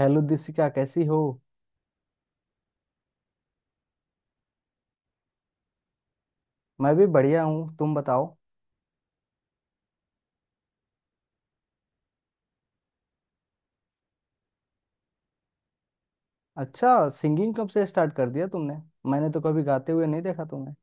Hello Disika कैसी हो। मैं भी बढ़िया हूँ, तुम बताओ। अच्छा, सिंगिंग कब से स्टार्ट कर दिया तुमने। मैंने तो कभी गाते हुए नहीं देखा तुम्हें।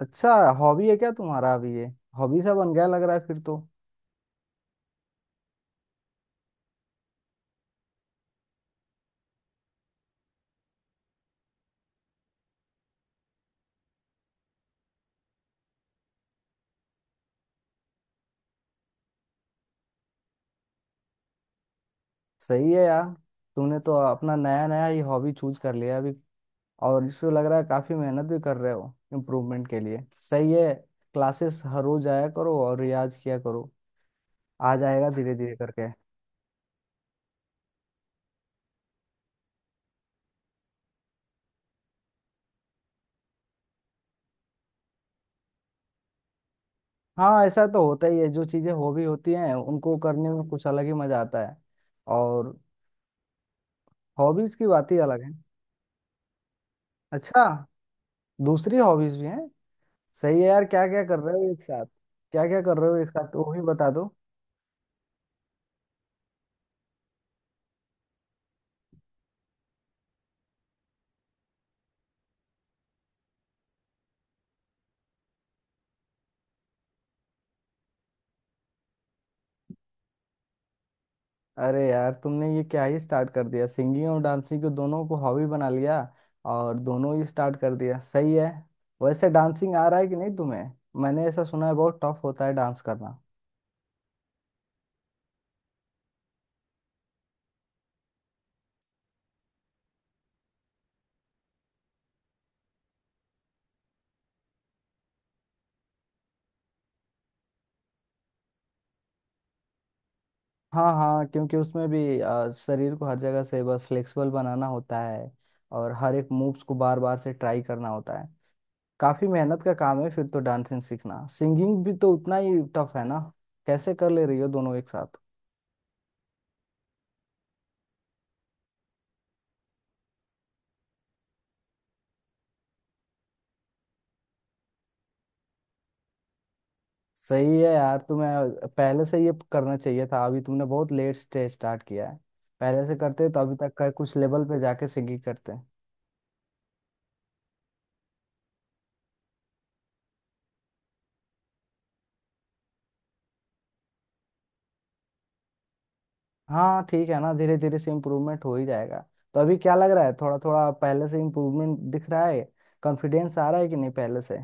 अच्छा, हॉबी है क्या तुम्हारा अभी ये। हॉबी सा बन गया लग रहा है फिर तो। सही है यार, तुमने तो अपना नया नया ही हॉबी चूज कर लिया अभी। और इसमें लग रहा है काफी मेहनत भी कर रहे हो इम्प्रूवमेंट के लिए। सही है। क्लासेस हर रोज आया करो और रियाज किया करो। आ जाएगा धीरे धीरे करके। हाँ, ऐसा तो होता ही है, जो चीजें हॉबी होती हैं उनको करने में कुछ अलग ही मजा आता है। और हॉबीज की बात ही अलग है। अच्छा, दूसरी हॉबीज भी हैं। सही है यार, क्या क्या कर रहे हो एक साथ। क्या क्या कर रहे हो एक साथ वो भी बता दो। अरे यार, तुमने ये क्या ही स्टार्ट कर दिया, सिंगिंग और डांसिंग को दोनों को हॉबी बना लिया। और दोनों ही स्टार्ट कर दिया, सही है। वैसे डांसिंग आ रहा है कि नहीं तुम्हें। मैंने ऐसा सुना है बहुत टफ होता है डांस करना। हाँ हाँ, क्योंकि उसमें भी शरीर को हर जगह से बस फ्लेक्सिबल बनाना होता है। और हर एक मूव्स को बार बार से ट्राई करना होता है। काफी मेहनत का काम है फिर तो डांसिंग सीखना, सिंगिंग भी तो उतना ही टफ है ना। कैसे कर ले रही हो दोनों एक साथ। सही है यार, तुम्हें पहले से ये करना चाहिए था, अभी तुमने बहुत लेट स्टेज स्टार्ट किया है। पहले से करते तो अभी तक का कुछ लेवल पे जाके सिंगिंग करते। हाँ ठीक है ना, धीरे धीरे से इम्प्रूवमेंट हो ही जाएगा। तो अभी क्या लग रहा है, थोड़ा थोड़ा पहले से इम्प्रूवमेंट दिख रहा है। कॉन्फिडेंस आ रहा है कि नहीं पहले से।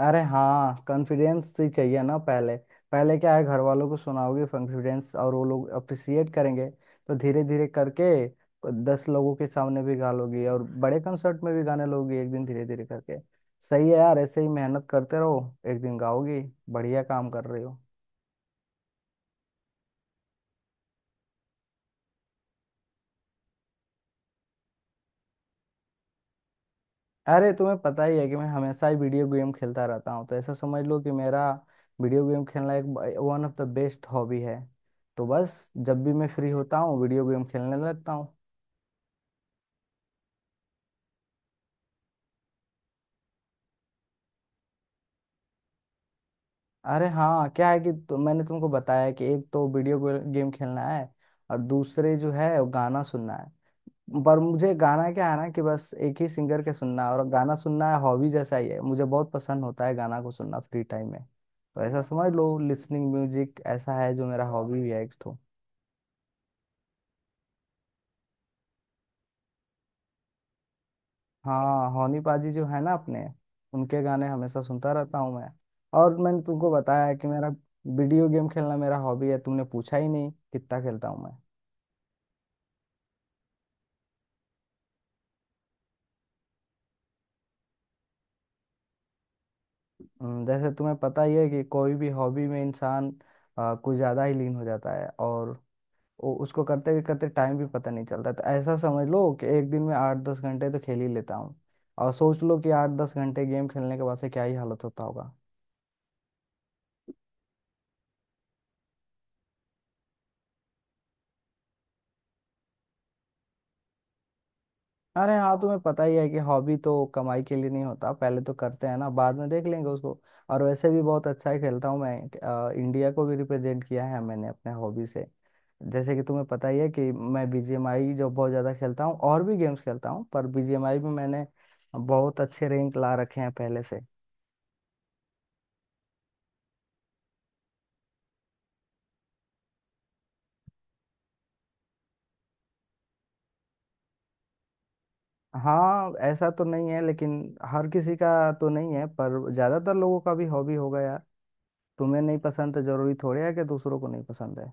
अरे हाँ, कॉन्फिडेंस ही चाहिए ना पहले। पहले क्या है, घर वालों को सुनाओगे, कॉन्फिडेंस और वो लोग अप्रिसिएट करेंगे। तो धीरे धीरे करके 10 लोगों के सामने भी गा लोगी और बड़े कंसर्ट में भी गाने लोगी एक दिन, धीरे धीरे करके। सही है यार, ऐसे ही मेहनत करते रहो। एक दिन गाओगी। बढ़िया काम कर रही हो। अरे तुम्हें पता ही है कि मैं हमेशा ही वीडियो गेम खेलता रहता हूँ, तो ऐसा समझ लो कि मेरा वीडियो गेम खेलना एक one of the best hobby है। तो बस जब भी मैं फ्री होता हूँ वीडियो गेम खेलने लगता हूँ। अरे हाँ, क्या है कि तो मैंने तुमको बताया है कि एक तो वीडियो गेम खेलना है। और दूसरे जो है वो गाना सुनना है। पर मुझे गाना क्या है ना कि बस एक ही सिंगर के सुनना है, और गाना सुनना है हॉबी जैसा ही है, मुझे बहुत पसंद होता है गाना को सुनना फ्री टाइम में। तो ऐसा समझ लो लिसनिंग म्यूजिक ऐसा है जो मेरा हॉबी भी है एक तो। हाँ, हौनी पाजी जो है ना अपने, उनके गाने हमेशा सुनता रहता हूँ मैं। और मैंने तुमको बताया है कि मेरा वीडियो गेम खेलना मेरा हॉबी है, तुमने पूछा ही नहीं कितना खेलता हूँ मैं। जैसे तुम्हें पता ही है कि कोई भी हॉबी में इंसान कुछ ज़्यादा ही लीन हो जाता है, और उसको करते करते टाइम भी पता नहीं चलता, तो ऐसा समझ लो कि एक दिन में 8-10 घंटे तो खेल ही लेता हूँ। और सोच लो कि 8-10 घंटे गेम खेलने के बाद से क्या ही हालत होता होगा। अरे हाँ, तुम्हें पता ही है कि हॉबी तो कमाई के लिए नहीं होता, पहले तो करते हैं ना, बाद में देख लेंगे उसको। और वैसे भी बहुत अच्छा ही खेलता हूँ मैं। इंडिया को भी रिप्रेजेंट किया है मैंने अपने हॉबी से। जैसे कि तुम्हें पता ही है कि मैं बीजीएमआई जो बहुत ज़्यादा खेलता हूँ, और भी गेम्स खेलता हूँ, पर बीजीएमआई में मैंने बहुत अच्छे रैंक ला रखे हैं पहले से। हाँ ऐसा तो नहीं है, लेकिन हर किसी का तो नहीं है पर ज़्यादातर लोगों का भी हॉबी होगा यार। तुम्हें नहीं पसंद तो जरूरी थोड़ी है कि दूसरों को नहीं पसंद है।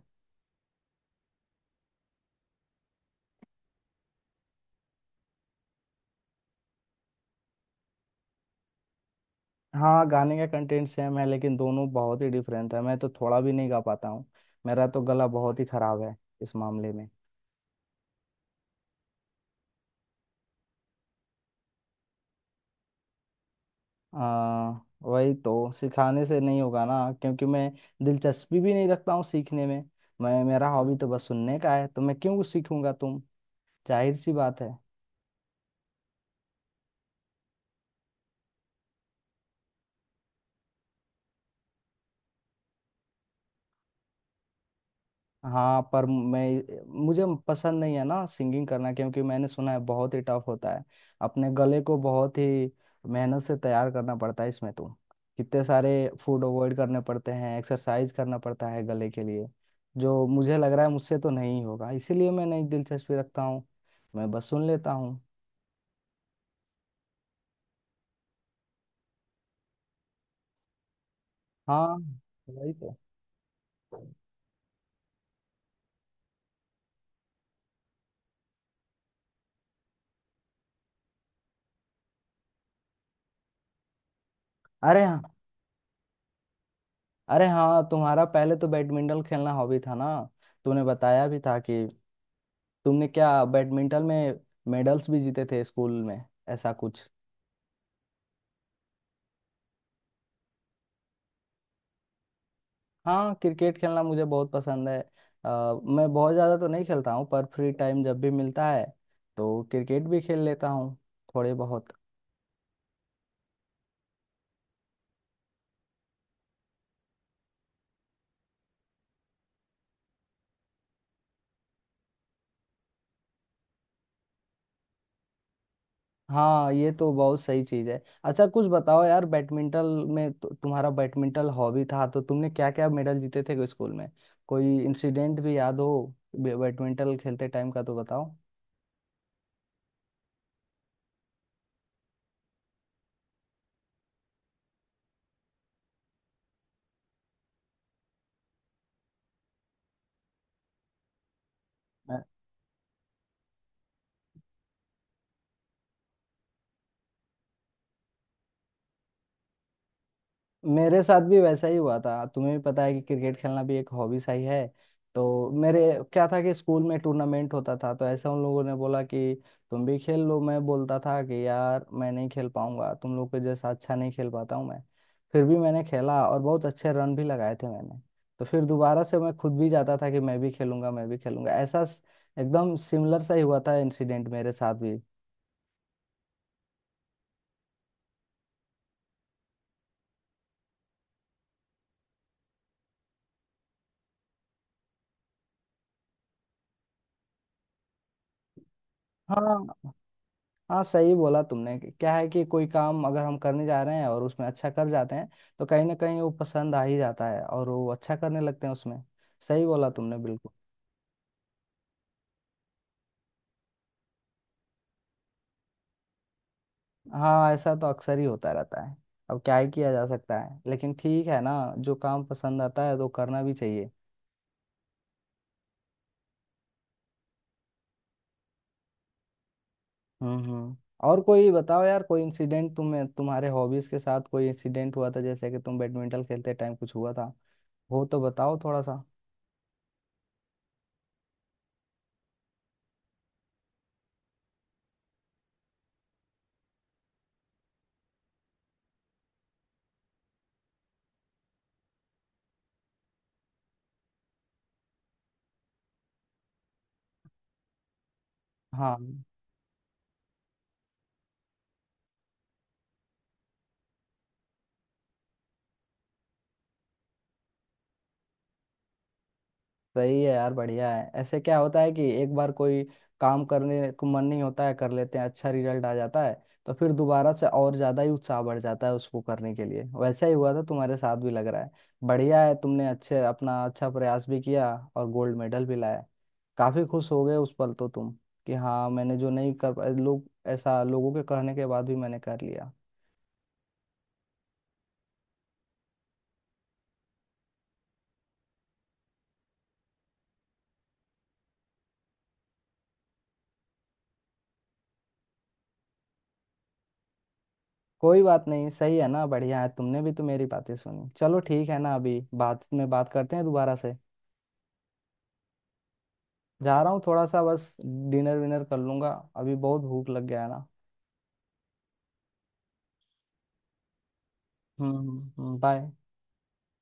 हाँ, गाने का कंटेंट सेम है लेकिन दोनों बहुत ही डिफरेंट है, मैं तो थोड़ा भी नहीं गा पाता हूँ। मेरा तो गला बहुत ही खराब है इस मामले में। आ, वही तो सिखाने से नहीं होगा ना, क्योंकि मैं दिलचस्पी भी नहीं रखता हूँ सीखने में। मैं, मेरा हॉबी तो बस सुनने का है, तो मैं क्यों सीखूंगा तुम। जाहिर सी बात है। हाँ पर मैं, मुझे पसंद नहीं है ना सिंगिंग करना, क्योंकि मैंने सुना है बहुत ही टफ होता है। अपने गले को बहुत ही मेहनत से तैयार करना पड़ता है इसमें तो। कितने सारे फूड अवॉइड करने पड़ते हैं, एक्सरसाइज करना पड़ता है गले के लिए। जो मुझे लग रहा है मुझसे तो नहीं होगा, इसीलिए मैं नहीं दिलचस्पी रखता हूँ। मैं बस सुन लेता हूँ। हाँ, वही तो। अरे हाँ, अरे हाँ, तुम्हारा पहले तो बैडमिंटन खेलना हॉबी था ना। तुमने बताया भी था कि तुमने क्या बैडमिंटन में मेडल्स भी जीते थे स्कूल में ऐसा कुछ। हाँ, क्रिकेट खेलना मुझे बहुत पसंद है। मैं बहुत ज़्यादा तो नहीं खेलता हूँ, पर फ्री टाइम जब भी मिलता है तो क्रिकेट भी खेल लेता हूँ थोड़े बहुत। हाँ, ये तो बहुत सही चीज है। अच्छा कुछ बताओ यार, बैडमिंटन में तुम्हारा बैडमिंटन हॉबी था तो तुमने क्या क्या मेडल जीते थे स्कूल में। कोई इंसिडेंट भी याद हो, बैडमिंटन खेलते टाइम का तो बताओ। मेरे साथ भी वैसा ही हुआ था, तुम्हें भी पता है कि क्रिकेट खेलना भी एक हॉबी सा ही है। तो मेरे क्या था कि स्कूल में टूर्नामेंट होता था, तो ऐसा उन लोगों ने बोला कि तुम भी खेल लो, मैं बोलता था कि यार मैं नहीं खेल पाऊंगा, तुम लोग के जैसा अच्छा नहीं खेल पाता हूँ मैं। फिर भी मैंने खेला और बहुत अच्छे रन भी लगाए थे मैंने। तो फिर दोबारा से मैं खुद भी जाता था कि मैं भी खेलूंगा, मैं भी खेलूंगा, एकदम सिमिलर सा ही हुआ था इंसिडेंट मेरे साथ भी। हाँ हाँ, सही बोला तुमने क्या है कि कोई काम अगर हम करने जा रहे हैं और उसमें अच्छा कर जाते हैं, तो कहीं ना कहीं वो पसंद आ ही जाता है और वो अच्छा करने लगते हैं उसमें। सही बोला तुमने बिल्कुल। हाँ ऐसा तो अक्सर ही होता रहता है। अब क्या ही किया जा सकता है, लेकिन ठीक है ना, जो काम पसंद आता है तो करना भी चाहिए। हम्म। और कोई बताओ यार, कोई इंसिडेंट तुम्हें, तुम्हारे हॉबीज के साथ कोई इंसिडेंट हुआ था, जैसे कि तुम बैडमिंटन खेलते टाइम कुछ हुआ था वो तो बताओ थोड़ा सा। हाँ सही है यार, बढ़िया है। ऐसे क्या होता है कि एक बार कोई काम करने को मन नहीं होता है, कर लेते हैं, अच्छा रिजल्ट आ जाता है, तो फिर दोबारा से और ज्यादा ही उत्साह बढ़ जाता है उसको करने के लिए। वैसा ही हुआ था तुम्हारे साथ भी लग रहा है। बढ़िया है, तुमने अच्छे अपना अच्छा प्रयास भी किया और गोल्ड मेडल भी लाया। काफी खुश हो गए उस पल तो तुम, कि हाँ, मैंने जो नहीं कर पाए लोग, ऐसा लोगों के कहने के बाद भी मैंने कर लिया। कोई बात नहीं, सही है ना, बढ़िया है, तुमने भी तो मेरी बातें सुनी। चलो ठीक है ना, अभी बात में बात करते हैं दोबारा से। जा रहा हूँ थोड़ा सा बस, डिनर विनर कर लूंगा। अभी बहुत भूख लग गया है ना। हम्म, बाय।